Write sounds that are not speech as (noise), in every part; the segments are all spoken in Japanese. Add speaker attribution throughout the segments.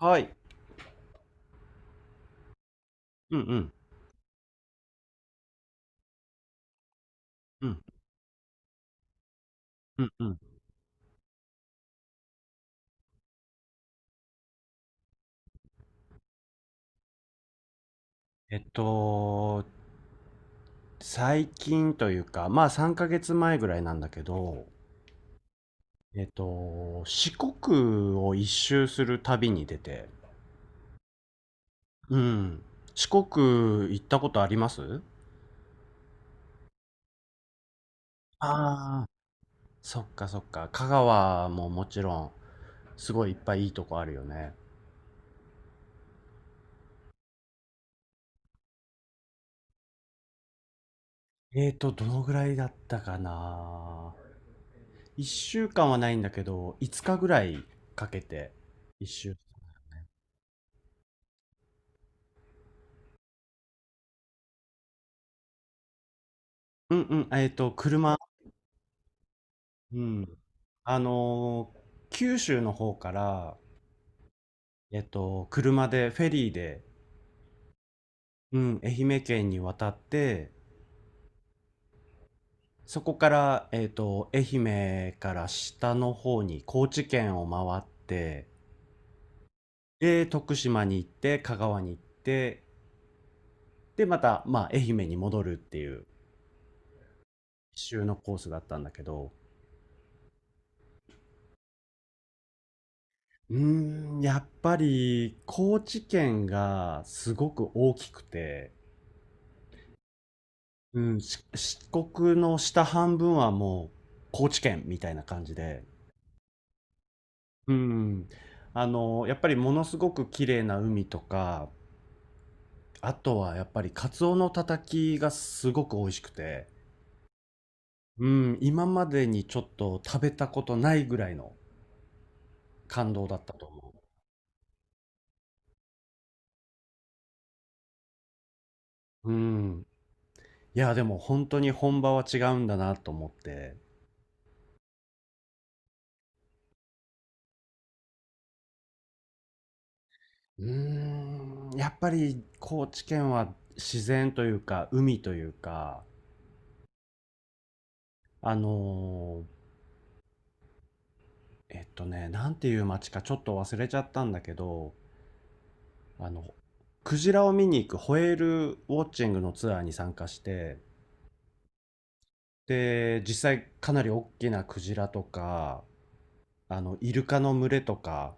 Speaker 1: はい。うんうん。うん。うんうん。えっと、最近というか、まあ3ヶ月前ぐらいなんだけど、四国を一周する旅に出て、うん。四国行ったことあります？ああー、そっかそっか。香川ももちろん、すごいいっぱいいいとこあるよね。どのぐらいだったかな。1週間はないんだけど、5日ぐらいかけて一周。うんうん、車。うん。あのー九州の方から、車で、フェリーで、うん、愛媛県に渡って、そこから、愛媛から下の方に、高知県を回って、で、徳島に行って、香川に行って、で、また、まあ、愛媛に戻るっていう、一周のコースだったんだけど、うーん、やっぱり、高知県がすごく大きくて、うん、四国の下半分はもう高知県みたいな感じで、うん、やっぱりものすごく綺麗な海とか、あとはやっぱりカツオのたたきがすごく美味しくて、うん、今までにちょっと食べたことないぐらいの感動だったと思う。うん。いや、でも本当に本場は違うんだなと思って。うーん、やっぱり高知県は自然というか、海というか、あのーなんていう街かちょっと忘れちゃったんだけど、あの、クジラを見に行くホエールウォッチングのツアーに参加して、で、実際かなり大きなクジラとか、イルカの群れとか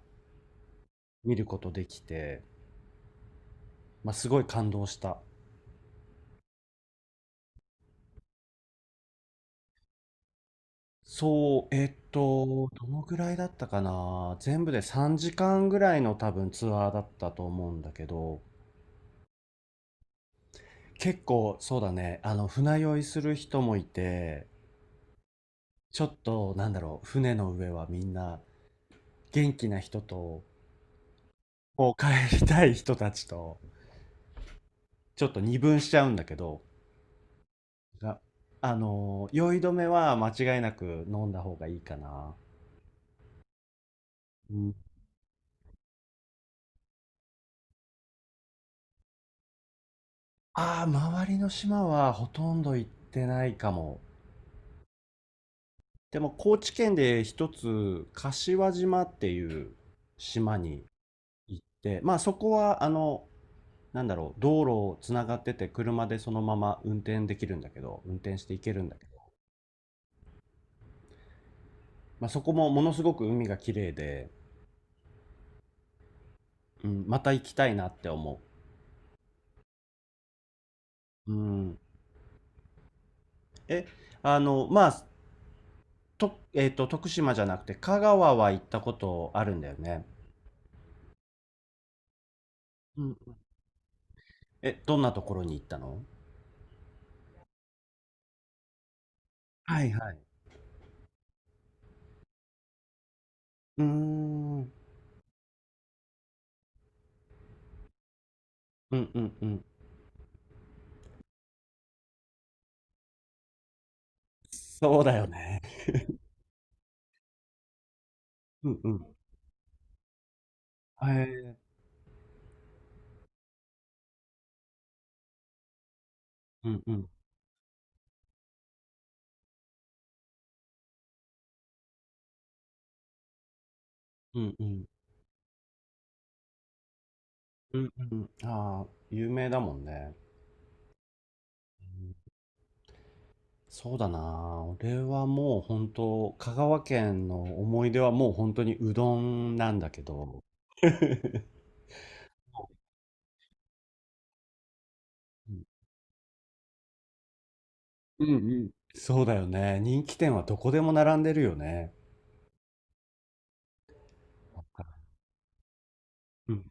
Speaker 1: 見ることできて、まあ、すごい感動した。そう、どのぐらいだったかな、全部で3時間ぐらいの多分ツアーだったと思うんだけど、結構そうだね、船酔いする人もいて、ちょっと、なんだろう、船の上はみんな元気な人と、こう帰りたい人たちと、ちょっと二分しちゃうんだけど、があのー酔い止めは間違いなく飲んだ方がいいかな。うん。ああ、周りの島はほとんど行ってないかも。でも高知県で一つ、柏島っていう島に行って、まあそこはなんだろう、道路をつながってて車でそのまま運転できるんだけど、運転して行けるんだけど、まあ、そこもものすごく海が綺麗で、うん、また行きたいなって思う。うん、え、あの、まあ、と、えっと、徳島じゃなくて香川は行ったことあるんだよね。うん。どんなところに行ったの？はいはい。うーん。うんうんうん。そうだよね。うんうん。へえ。うんうん。うんうん。うんうん。ああ、有名だもんね。うん。そうだな。俺はもう本当、香川県の思い出はもう本当にうどんなんだけど、うん (laughs) うん。そうだよね。人気店はどこでも並んでるよね。うん、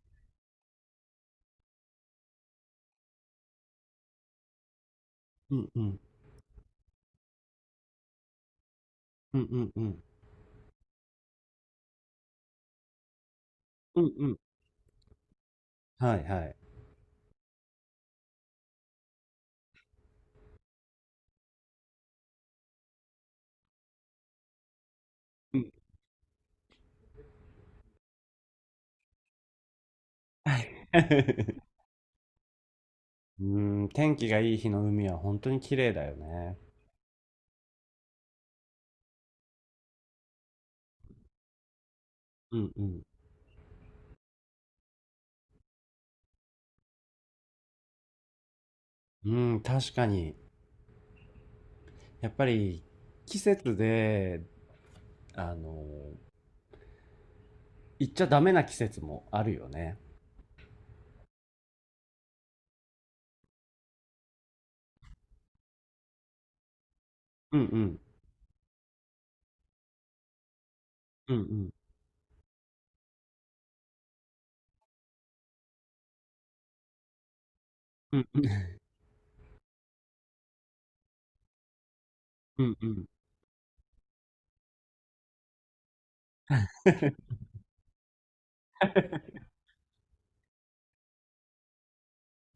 Speaker 1: うん、うん、うん、うん、うん。うんうん。はい、はい。うん。はい。うーん、天気がいい日の海は本当に綺麗だよね。うんうん。うん、確かに。やっぱり季節で、あの、行っちゃダメな季節もあるよね。うんうん。うんうん。うんうんうん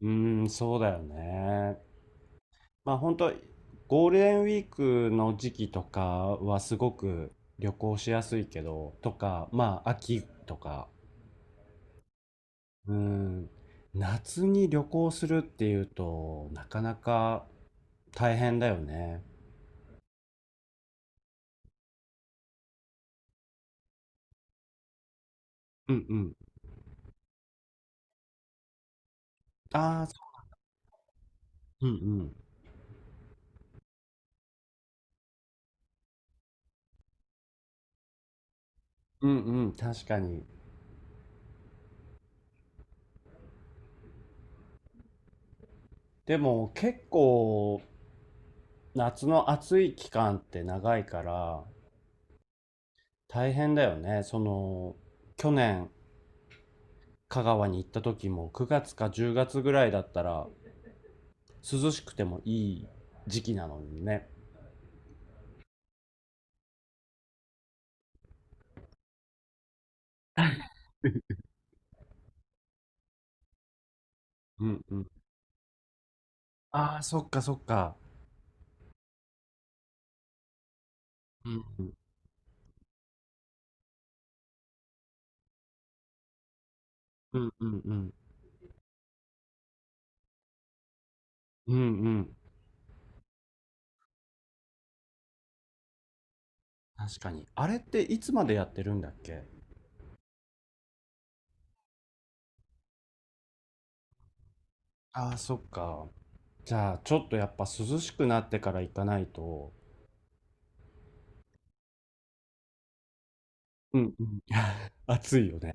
Speaker 1: うん。うーん、そうだよね。まあ本当ゴールデンウィークの時期とかはすごく旅行しやすいけど、とか、まあ秋とか、うん、夏に旅行するっていうとなかなか大変だよね。うんうん。ああ、そう。うんうん。うんうん、確かに。でも結構夏の暑い期間って長いから大変だよね。その去年香川に行った時も9月か10月ぐらいだったら涼しくてもいい時期なのにね。うんうん。ああ、そっかそっか。うんうんうんうんうん。うんうん。確かに。あれっていつまでやってるんだっけ？ああ、そっか。じゃあ、ちょっとやっぱ涼しくなってから行かないと。うんうん。(laughs) 暑いよね。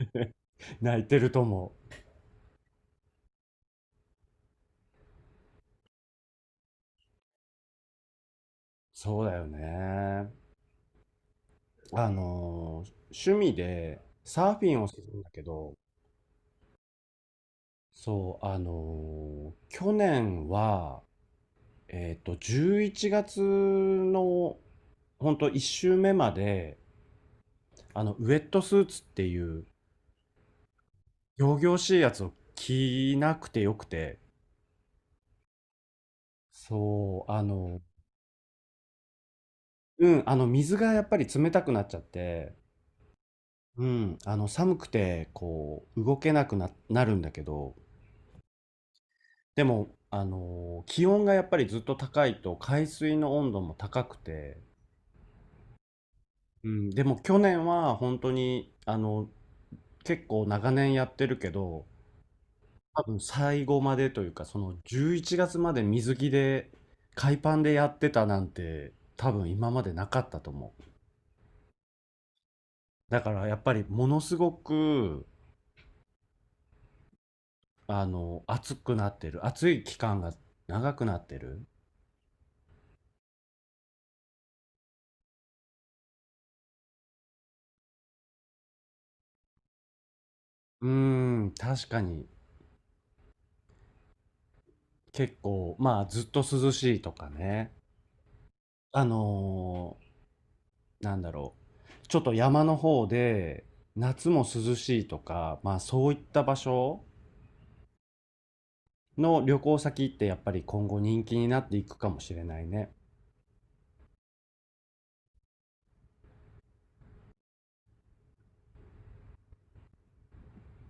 Speaker 1: (laughs) 泣いてると思う。そうだよね。趣味でサーフィンをするんだけど、そう、去年は11月のほんと1週目まで、ウェットスーツっていう仰々しいやつを着なくてよくて、そう、うん、水がやっぱり冷たくなっちゃって、うん、寒くて、こう、動けなくな、なるんだけど、でも、気温がやっぱりずっと高いと、海水の温度も高くて、うん、でも去年は本当に、結構長年やってるけど、多分最後までというか、その11月まで水着で、海パンでやってたなんて、多分今までなかったと思う。だからやっぱりものすごく、暑くなってる。暑い期間が長くなってる。うーん、確かに結構、まあずっと涼しいとかね。あのーなんだろう。ちょっと山の方で、夏も涼しいとか、まあそういった場所の旅行先ってやっぱり今後人気になっていくかもしれないね。